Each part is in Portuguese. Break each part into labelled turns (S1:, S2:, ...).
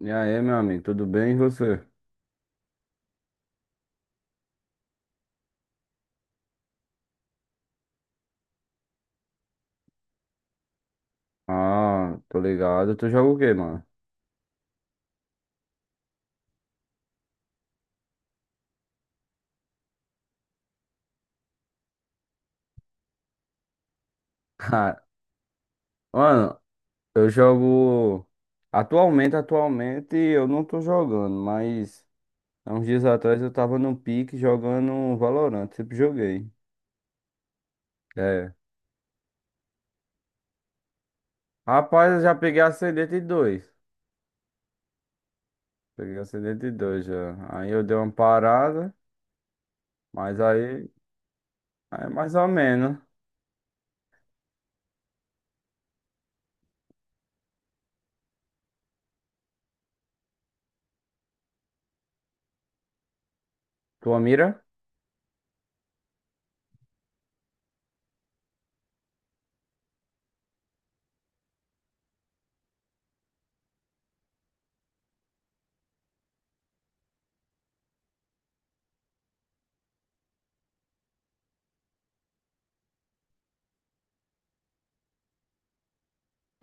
S1: E aí, meu amigo, tudo bem e você? Ah, tô ligado. Tu joga o quê, mano? Ah, mano, eu jogo. Atualmente, atualmente eu não tô jogando, mas há uns dias atrás eu tava no pique jogando um Valorant, sempre joguei. É. Rapaz, eu já peguei Ascendente dois. Peguei Ascendente dois já. Aí eu dei uma parada, mas aí aí é mais ou menos. Tua mira?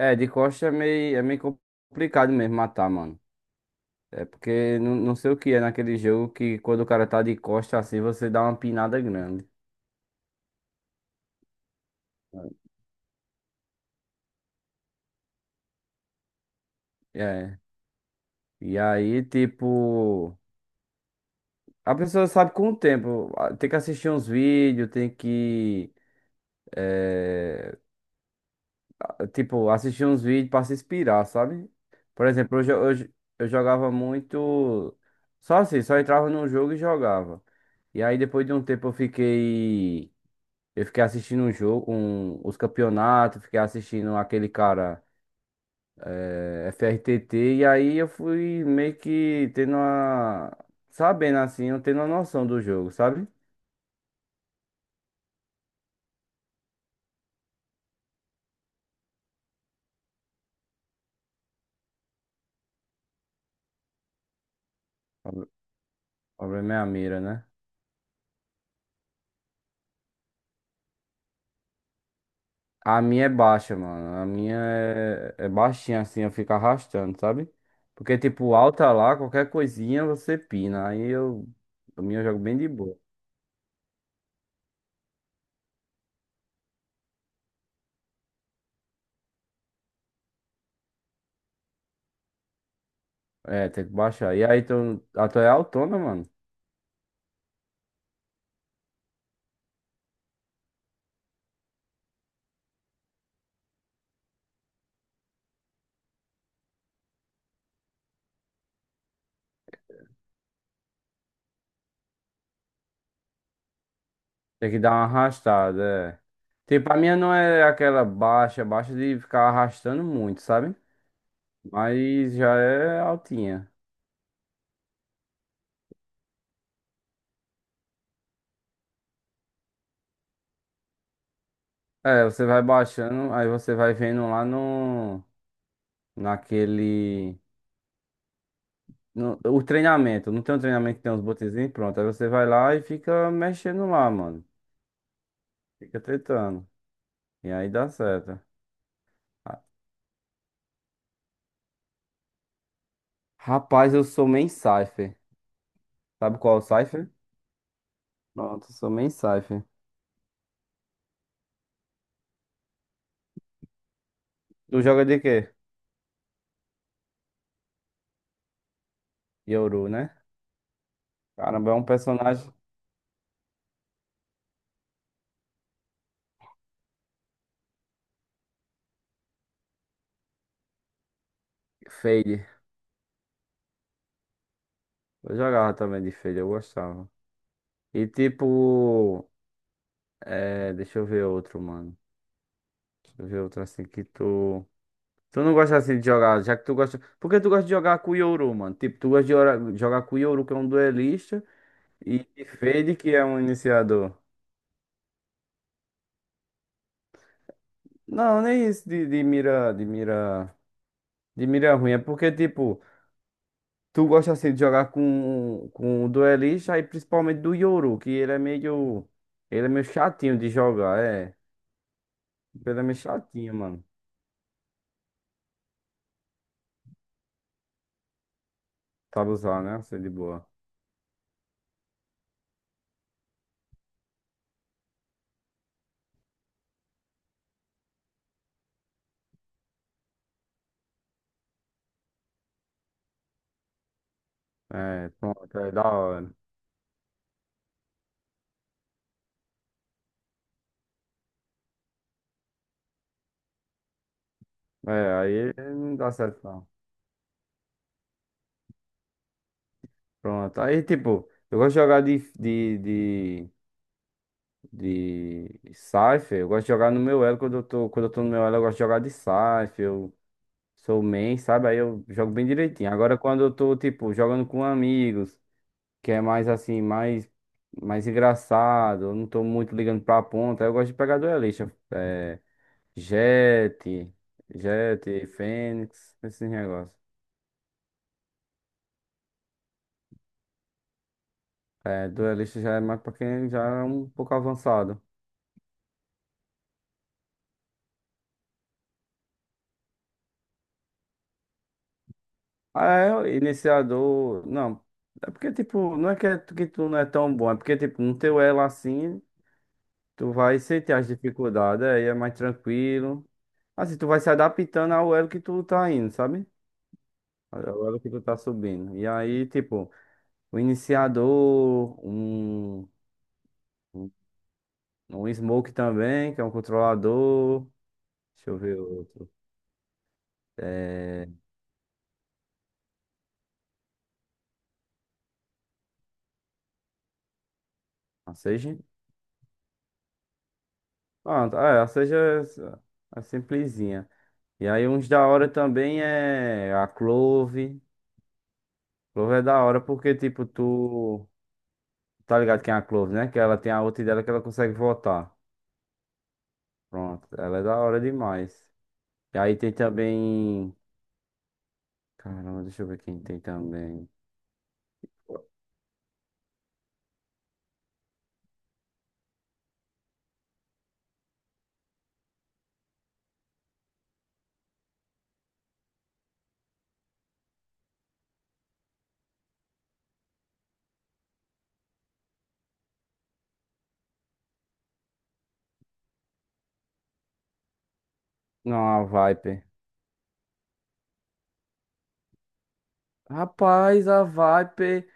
S1: É, de costa é meio complicado mesmo matar, mano. É porque não, não sei o que é naquele jogo que quando o cara tá de costa assim, você dá uma pinada grande. É. E aí, tipo, a pessoa sabe com o tempo. Ah, tem que assistir uns vídeos, tem que, eh, tipo, assistir uns vídeos pra se inspirar, sabe? Por exemplo, eu jogava muito. Só assim, só entrava num jogo e jogava. E aí, depois de um tempo, eu fiquei. Eu fiquei assistindo um jogo, um, os campeonatos, fiquei assistindo aquele cara. É, FRTT, e aí eu fui meio que tendo uma. Sabendo assim, eu tendo uma noção do jogo, sabe? O problema é a mira, né? A minha é baixa, mano. A minha é, é baixinha assim, eu fico arrastando, sabe? Porque, tipo, alta lá, qualquer coisinha você pina. Aí eu. A minha eu jogo bem de boa. É, tem que baixar. E aí, tu, a tua é autona, mano. Tem que dar uma arrastada, é. Tipo, a minha não é aquela baixa, baixa de ficar arrastando muito, sabe? Mas já é altinha. É, você vai baixando, aí você vai vendo lá no, naquele, no, o treinamento. Não tem um treinamento que tem uns botõezinhos, pronto. Aí você vai lá e fica mexendo lá, mano. Fica tentando. E aí dá certo. Ah, rapaz, eu sou main Cypher. Sabe qual é o Cypher? Pronto, eu sou main Cypher. Tu joga de quê? Yoru, né? Caramba, é um personagem Fade. Eu jogava também de Fade, eu gostava. E tipo, é, deixa eu ver outro, mano. Deixa eu ver outro assim que tu. Tu não gosta assim de jogar, já que tu gosta. Por que tu gosta de jogar com o Yoru, mano? Tipo, tu gosta de ora- jogar com o Yoru, que é um duelista, e Fade, que é um iniciador. Não, nem isso de mira, de mira, de mira ruim. É porque, tipo, tu gosta assim de jogar com o duelista e principalmente do Yoru, que ele é meio. Ele é meio chatinho de jogar, é. Ele é meio chatinho, mano. Sabe usar, né? Assim de boa. É, pronto, é da hora. É, aí não dá certo, não. Pronto. Aí, tipo, eu gosto de jogar de Cypher. Eu gosto de jogar no meu elo. Quando eu tô no meu elo, eu gosto de jogar de Cypher. Eu sou main, sabe? Aí eu jogo bem direitinho. Agora, quando eu tô, tipo, jogando com amigos, que é mais assim, mais, mais engraçado, eu não tô muito ligando pra ponta, aí eu gosto de pegar duelista. É, Jett, Jett, Fênix, esses negócios. É, duelista já é mais pra quem já é um pouco avançado. Ah, é o iniciador. Não. É porque, tipo, não é que, é- que tu não é tão bom, é porque, tipo, no teu elo assim, tu vai sentir as dificuldades, aí é mais tranquilo. Assim, tu vai se adaptando ao elo que tu tá indo, sabe? Ao elo que tu tá subindo. E aí, tipo, o iniciador, um um smoke também, que é um controlador. Deixa eu ver outro. É. A Sage? Pronto, ah, é, a Sage é, é simplesinha. E aí uns da hora também é a Clove. Clove é da hora porque, tipo, tu tá ligado quem é a Clove, né? Que ela tem a outra dela que ela consegue votar. Pronto, ela é da hora demais. E aí tem também. Caramba, deixa eu ver quem tem também. Não, a Viper. Rapaz, a Viper,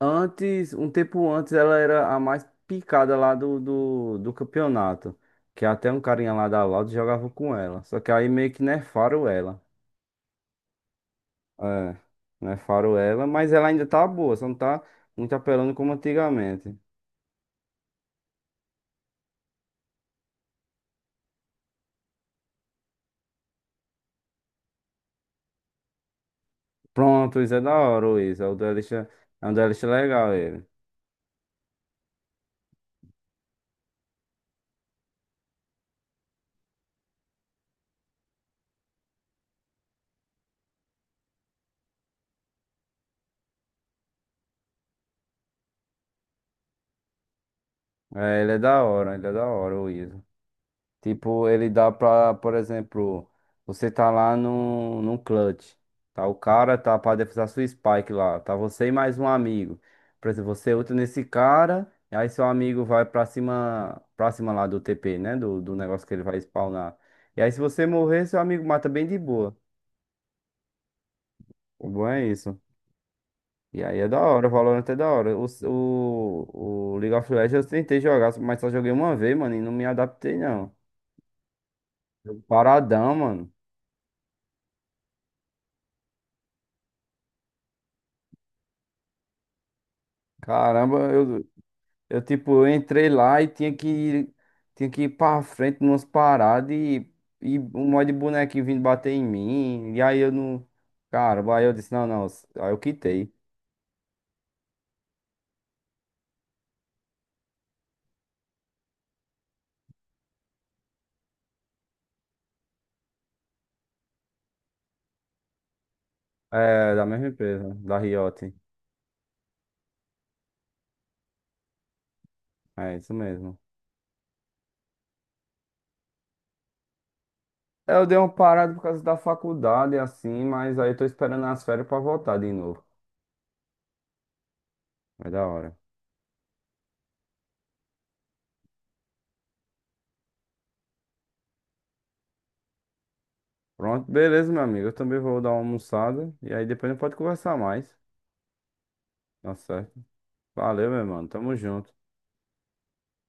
S1: antes, um tempo antes, ela era a mais picada lá do campeonato. Que até um carinha lá da Loud jogava com ela. Só que aí meio que nerfaram ela. É, não é faroela, mas ela ainda tá boa, só não tá muito apelando como antigamente. Pronto, isso é da hora, o Isa. O duelista, é um duelista legal ele. É, ele é da hora, ele é da hora, o Isa. Tipo, ele dá pra, por exemplo, você tá lá no num clutch. Tá o cara, tá pra defusar sua spike lá. Tá você e mais um amigo. Por exemplo, você ulta nesse cara. E aí seu amigo vai pra cima lá do TP, né? Do negócio que ele vai spawnar. E aí se você morrer, seu amigo mata bem de boa. O bom é isso. E aí é da hora, o Valorant é da hora. O League of Legends eu tentei jogar, mas só joguei uma vez, mano, e não me adaptei não. Jogo Paradão, mano. Caramba, eu, tipo, eu entrei lá e tinha que ir pra frente numas paradas e um monte de bonequinho vindo bater em mim. E aí eu não. Cara, aí eu disse, não, não. Aí eu quitei. É, da mesma empresa, da Riot. É isso mesmo. Eu dei uma parada por causa da faculdade, assim, mas aí eu tô esperando as férias pra voltar de novo. É da hora. Pronto, beleza, meu amigo. Eu também vou dar uma almoçada e aí depois a gente pode conversar mais. Tá certo. Valeu, meu mano. Tamo junto.